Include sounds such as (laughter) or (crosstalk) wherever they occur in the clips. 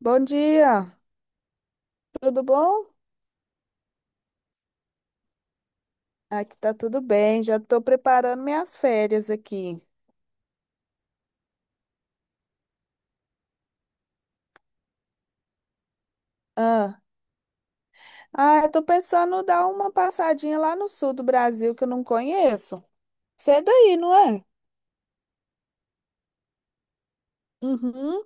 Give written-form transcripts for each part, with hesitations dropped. Bom dia, tudo bom? Aqui tá tudo bem, já tô preparando minhas férias aqui. Ah, ah, eu tô pensando em dar uma passadinha lá no sul do Brasil que eu não conheço. Você é daí, não é? Uhum.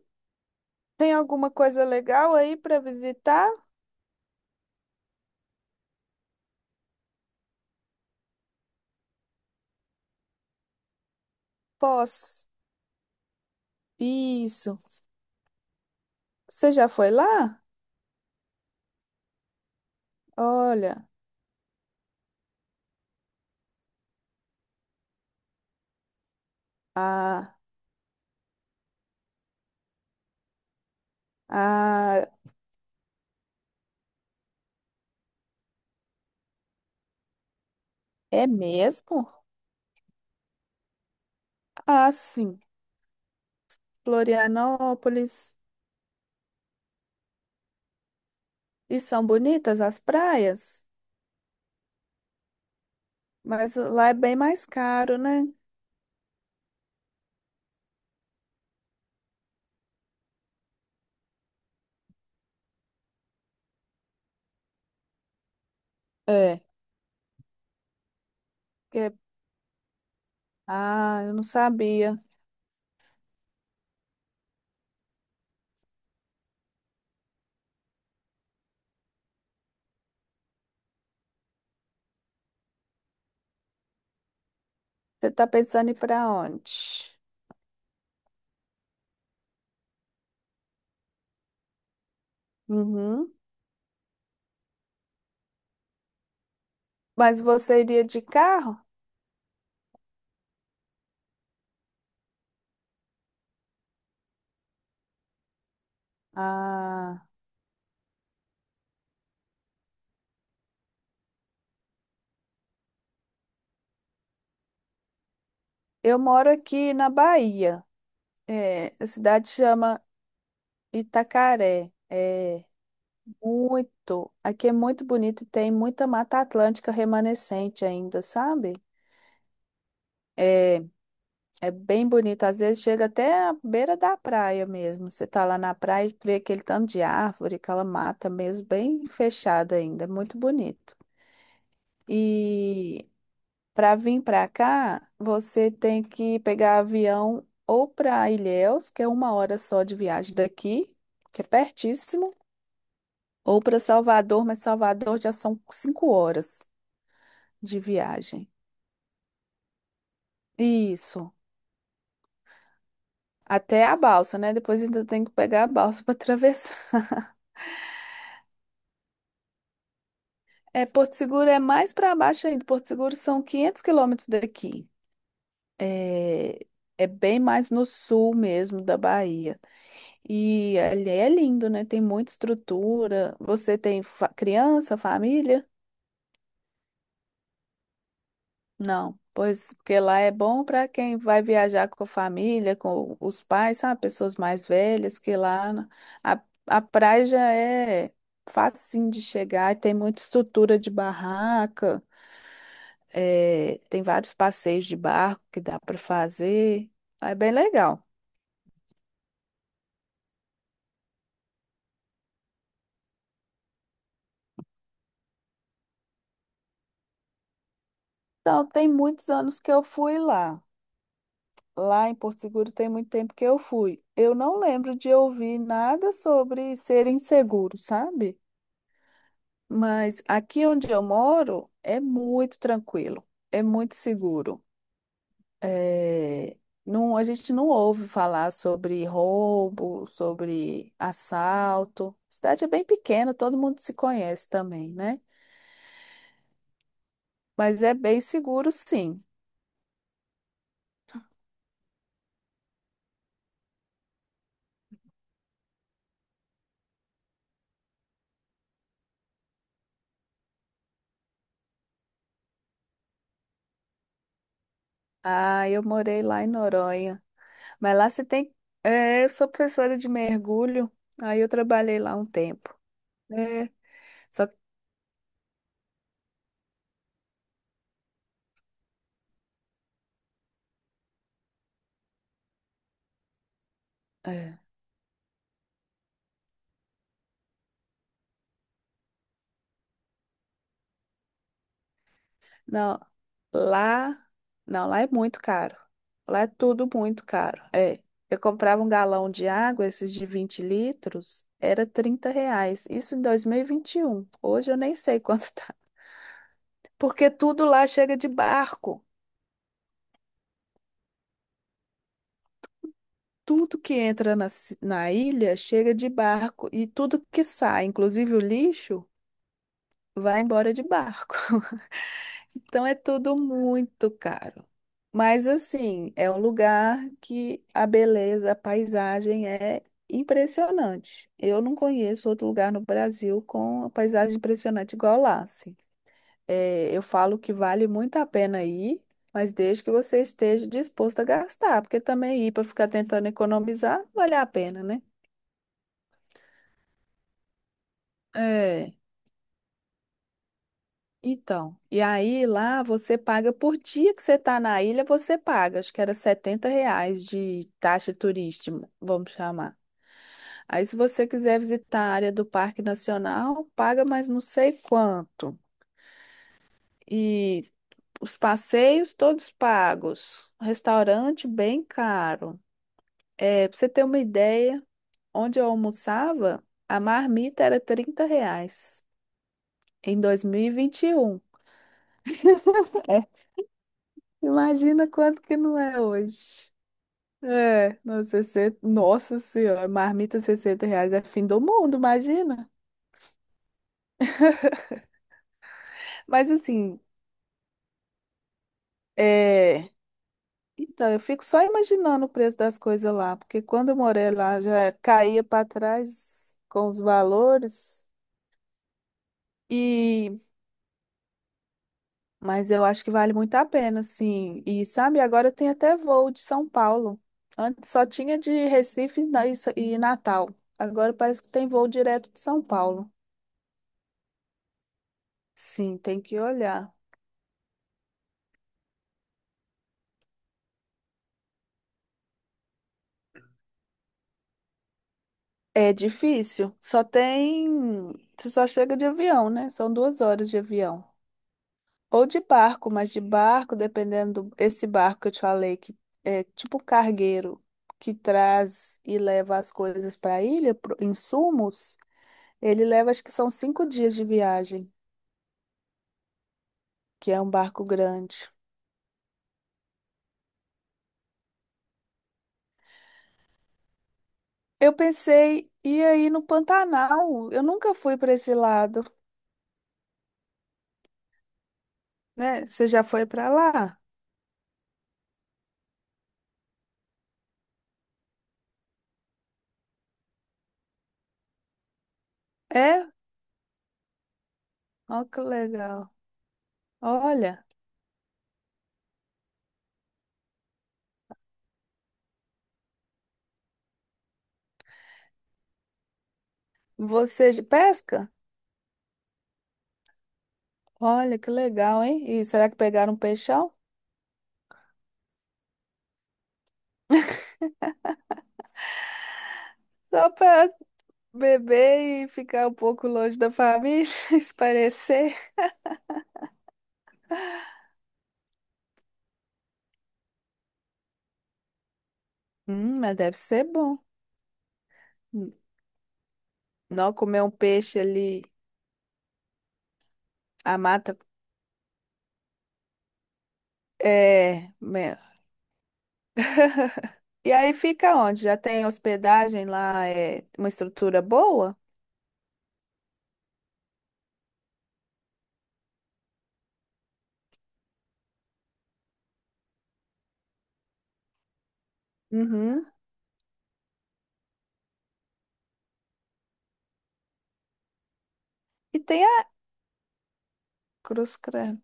Tem alguma coisa legal aí para visitar? Posso. Isso. Você já foi lá? Olha, ah, ah, é mesmo? Ah, sim. Florianópolis. E são bonitas as praias? Mas lá é bem mais caro, né? É. Porque- Ah, eu não sabia. Você tá pensando em ir para onde? Uhum. Mas você iria de carro? Ah, eu moro aqui na Bahia. É, a cidade chama Itacaré. É muito. Aqui é muito bonito e tem muita Mata Atlântica remanescente ainda, sabe? É. É bem bonito. Às vezes chega até à beira da praia mesmo. Você tá lá na praia e vê aquele tanto de árvore, aquela mata mesmo, bem fechada ainda. É muito bonito. E para vir para cá, você tem que pegar avião ou para Ilhéus, que é uma hora só de viagem daqui, que é pertíssimo, ou para Salvador, mas Salvador já são 5 horas de viagem. Isso. Até a balsa, né? Depois ainda tem que pegar a balsa (laughs) para atravessar. É, Porto Seguro é mais para baixo ainda. Porto Seguro são 500 quilômetros daqui. É, é bem mais no sul mesmo da Bahia. E ali é lindo, né? Tem muita estrutura. Você tem fa- criança, família? Não. Pois, porque lá é bom para quem vai viajar com a família, com os pais, sabe? Pessoas mais velhas, que lá na- a, a praia já é facinho de chegar e tem muita estrutura de barraca. É, tem vários passeios de barco que dá para fazer. É bem legal. Então, tem muitos anos que eu fui lá. Lá em Porto Seguro tem muito tempo que eu fui. Eu não lembro de ouvir nada sobre ser inseguro, sabe? Mas aqui onde eu moro é muito tranquilo, é muito seguro. É, não, a gente não ouve falar sobre roubo, sobre assalto. A cidade é bem pequena, todo mundo se conhece também, né? Mas é bem seguro, sim. Ah, eu morei lá em Noronha. Mas lá você tem. É, eu sou professora de mergulho. Aí eu trabalhei lá um tempo. É, só que. É, não, lá. Não, lá é muito caro. Lá é tudo muito caro. É. Eu comprava um galão de água, esses de 20 litros, era R$ 30. Isso em dois mil e vinte e um. Hoje eu nem sei quanto (laughs) tá. Porque tudo lá chega de barco. Tudo que entra na ilha chega de barco e tudo que sai, inclusive o lixo, vai embora de barco. (laughs) Então é tudo muito caro. Mas assim, é um lugar que a beleza, a paisagem é impressionante. Eu não conheço outro lugar no Brasil com a paisagem impressionante igual lá, assim. É, eu falo que vale muito a pena ir, mas desde que você esteja disposto a gastar, porque também ir para ficar tentando economizar, não vale a pena, né? É, então. E aí lá você paga por dia que você tá na ilha, você paga. Acho que era R$ 70 de taxa turística, vamos chamar. Aí se você quiser visitar a área do Parque Nacional, paga mais não sei quanto. E os passeios todos pagos. Restaurante bem caro. É, pra você ter uma ideia, onde eu almoçava, a marmita era R$ 30 em dois mil e vinte e um. Imagina quanto que não é hoje. É, nos 60, nossa senhora, marmita R$ 60 é fim do mundo, imagina. Mas assim, é, então, eu fico só imaginando o preço das coisas lá, porque quando eu morei lá já caía para trás com os valores, e mas eu acho que vale muito a pena, assim. E sabe, agora tem até voo de São Paulo. Antes só tinha de Recife e e Natal. Agora parece que tem voo direto de São Paulo. Sim, tem que olhar. É difícil. Só tem. Você só chega de avião, né? São 2 horas de avião. Ou de barco, mas de barco, dependendo do- esse barco que eu te falei, que é tipo um cargueiro que traz e leva as coisas para a ilha, pro- insumos, ele leva, acho que são 5 dias de viagem, que é um barco grande. Eu pensei, e aí no Pantanal? Eu nunca fui para esse lado, né? Você já foi para lá? É? Olha que legal. Olha, você de pesca? Olha que legal, hein? E será que pegaram um peixão? Só para beber e ficar um pouco longe da família, (laughs) espairecer. Mas deve ser bom. Não comer um peixe ali, a mata. É. Me- E aí fica onde? Já tem hospedagem lá, é uma estrutura boa? Uhum. E tem a Cruz Credo.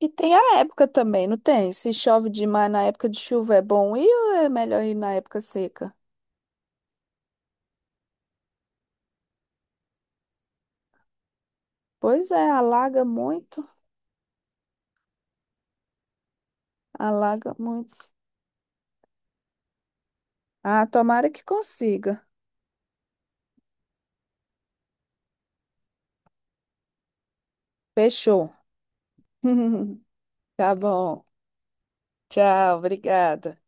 E tem a época também, não tem? Se chove demais na época de chuva, é bom ir ou é melhor ir na época seca? Pois é, alaga muito, alaga muito. Ah, tomara que consiga. Fechou. (laughs) Tá bom. Tchau, obrigada.